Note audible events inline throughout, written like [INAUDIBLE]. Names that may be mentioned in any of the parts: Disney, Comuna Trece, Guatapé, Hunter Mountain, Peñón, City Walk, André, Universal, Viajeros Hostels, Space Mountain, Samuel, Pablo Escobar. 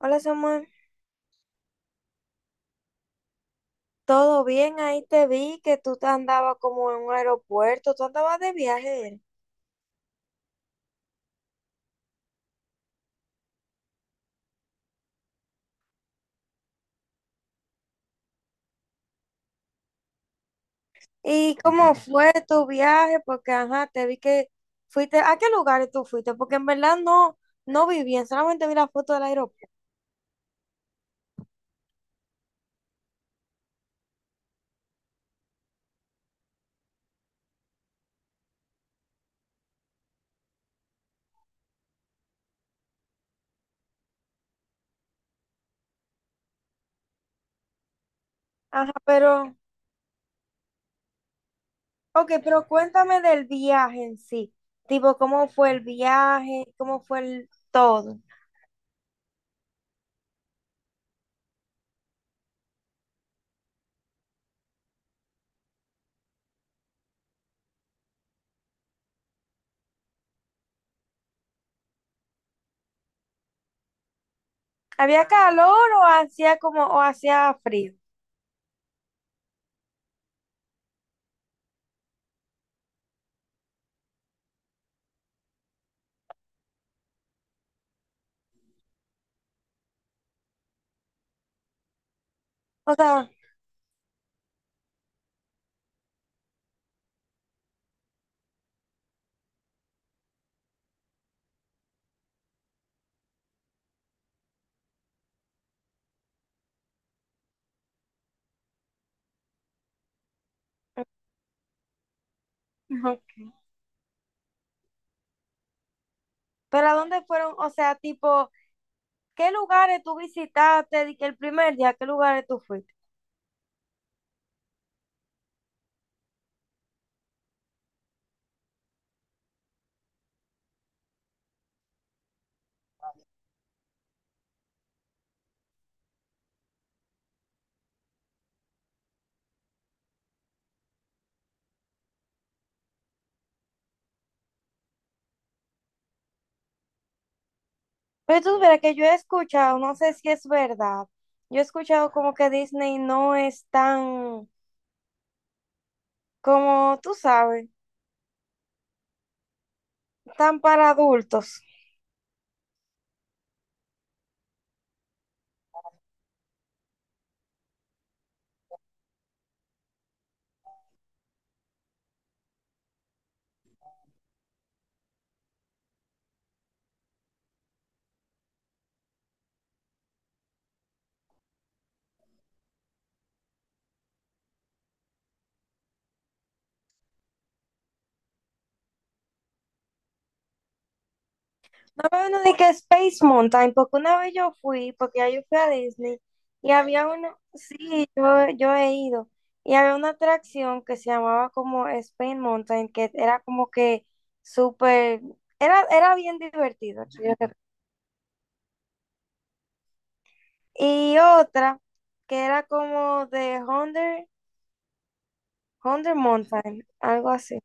Hola Samuel, ¿todo bien? Ahí te vi que tú te andabas como en un aeropuerto, tú andabas de viaje. Era. ¿Y cómo fue tu viaje? Porque, ajá, te vi que fuiste, ¿a qué lugares tú fuiste? Porque en verdad no, no vi bien, solamente vi la foto del aeropuerto. Ajá, pero, ok, pero cuéntame del viaje en sí, tipo, ¿cómo fue el viaje? ¿Cómo fue el todo? ¿Había calor o hacía como, o hacía frío? O sea, ajá. ¿Pero a dónde fueron? O sea, tipo, ¿qué lugares tú visitaste? Di que el primer día, ¿qué lugares tú fuiste? Pero tú verás que yo he escuchado, no sé si es verdad, yo he escuchado como que Disney no es tan, como tú sabes, tan para adultos. No me vino de que Space Mountain, porque una vez yo fui, porque ya yo fui a Disney, y había una, sí, yo he ido, y había una atracción que se llamaba como Space Mountain, que era como que súper, era bien divertido. Y otra que era como de Hunter, Hunter Mountain, algo así.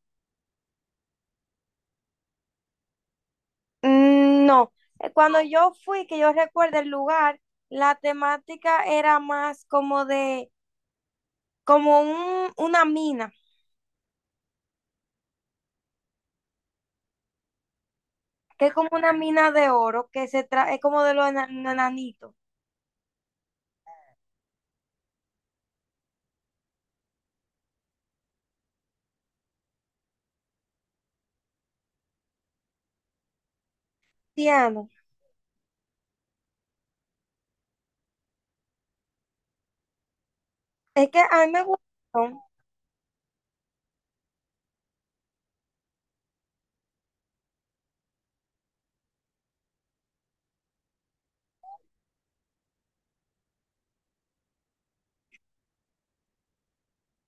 Mm, no, cuando yo fui, que yo recuerdo el lugar, la temática era más como de, como un, una mina, que es como una mina de oro, que se trae, es como de los enanitos. Tiano. Es que a mí me gustó.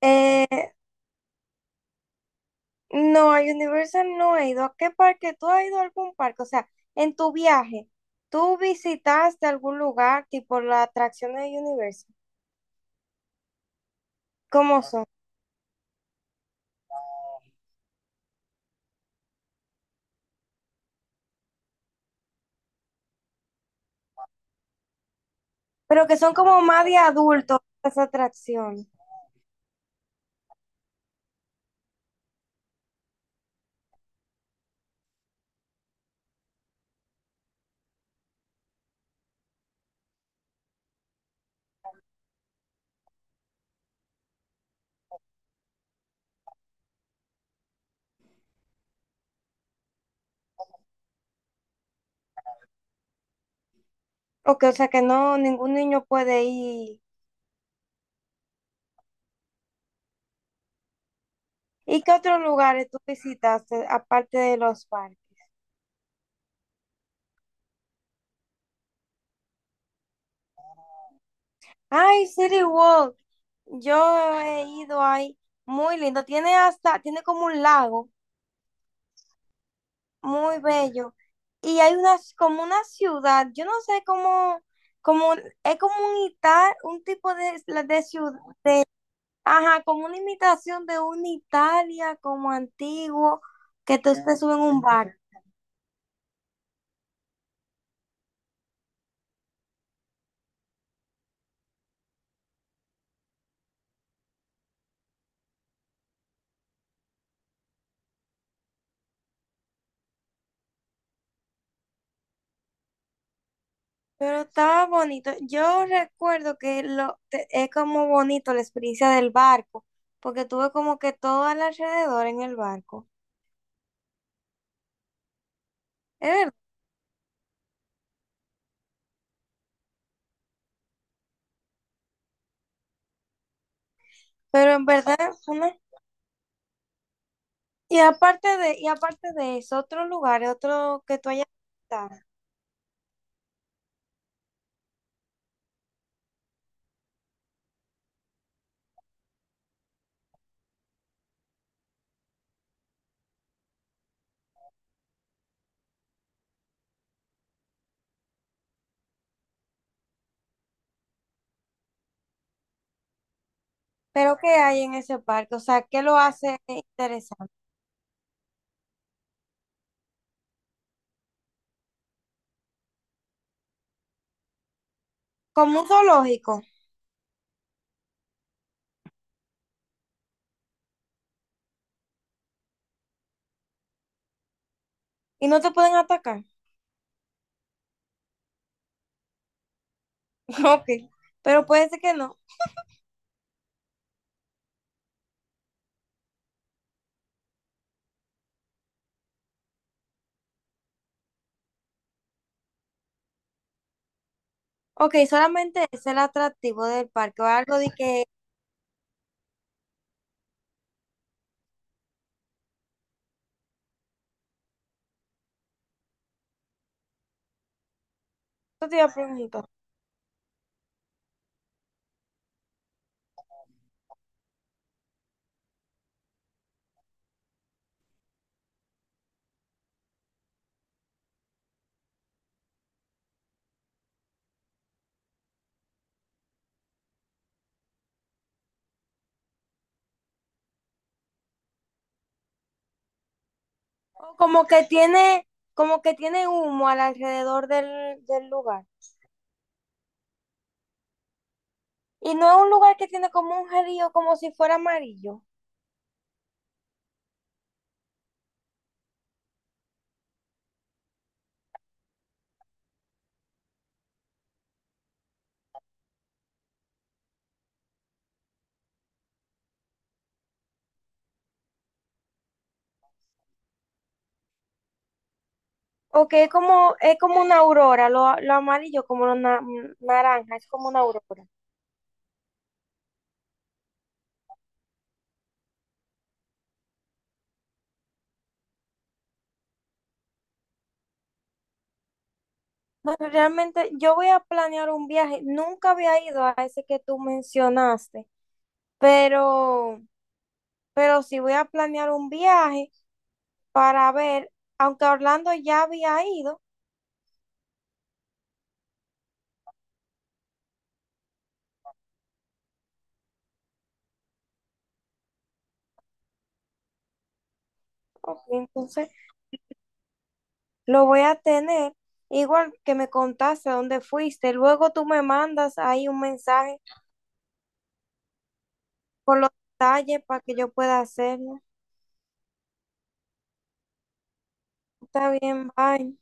eh, No, a Universal no he ido. ¿A qué parque? ¿Tú has ido a algún parque? O sea, en tu viaje, ¿tú visitaste algún lugar tipo las atracciones de Universal? ¿Cómo son? Pero que son como más de adultos las atracciones. Ok, o sea que no, ningún niño puede ir. ¿Y qué otros lugares tú visitaste aparte de los parques? Ay, City Walk. Yo he ido ahí, muy lindo. Tiene hasta, tiene como un lago muy bello. Y hay una, como una ciudad, yo no sé cómo, como, es como un un tipo de ciudad, ajá, como una imitación de una Italia como antiguo, que tú te subes en un bar. Pero estaba bonito. Yo recuerdo que lo, es como bonito la experiencia del barco, porque tuve como que todo al alrededor en el barco. Es verdad. Pero en verdad, fue una... Y aparte de, y aparte de eso, otro lugar, otro que tú hayas visitado, pero ¿qué hay en ese parque? O sea, ¿qué lo hace interesante? ¿Como un zoológico, y no te pueden atacar? [LAUGHS] Ok, pero puede ser que no. Ok, ¿solamente es el atractivo del parque, o algo de que, esto te iba a preguntar? O como que tiene humo al alrededor del, del lugar. ¿Y no es un lugar que tiene como un río, como si fuera amarillo? O que es como una aurora, lo amarillo como lo naranja, es como una aurora. Bueno, realmente yo voy a planear un viaje. Nunca había ido a ese que tú mencionaste, pero, pero sí voy a planear un viaje para ver, aunque a Orlando ya había ido, ok, entonces lo voy a tener. Igual que me contaste dónde fuiste, luego tú me mandas ahí un mensaje con los detalles para que yo pueda hacerlo. Está bien, bye.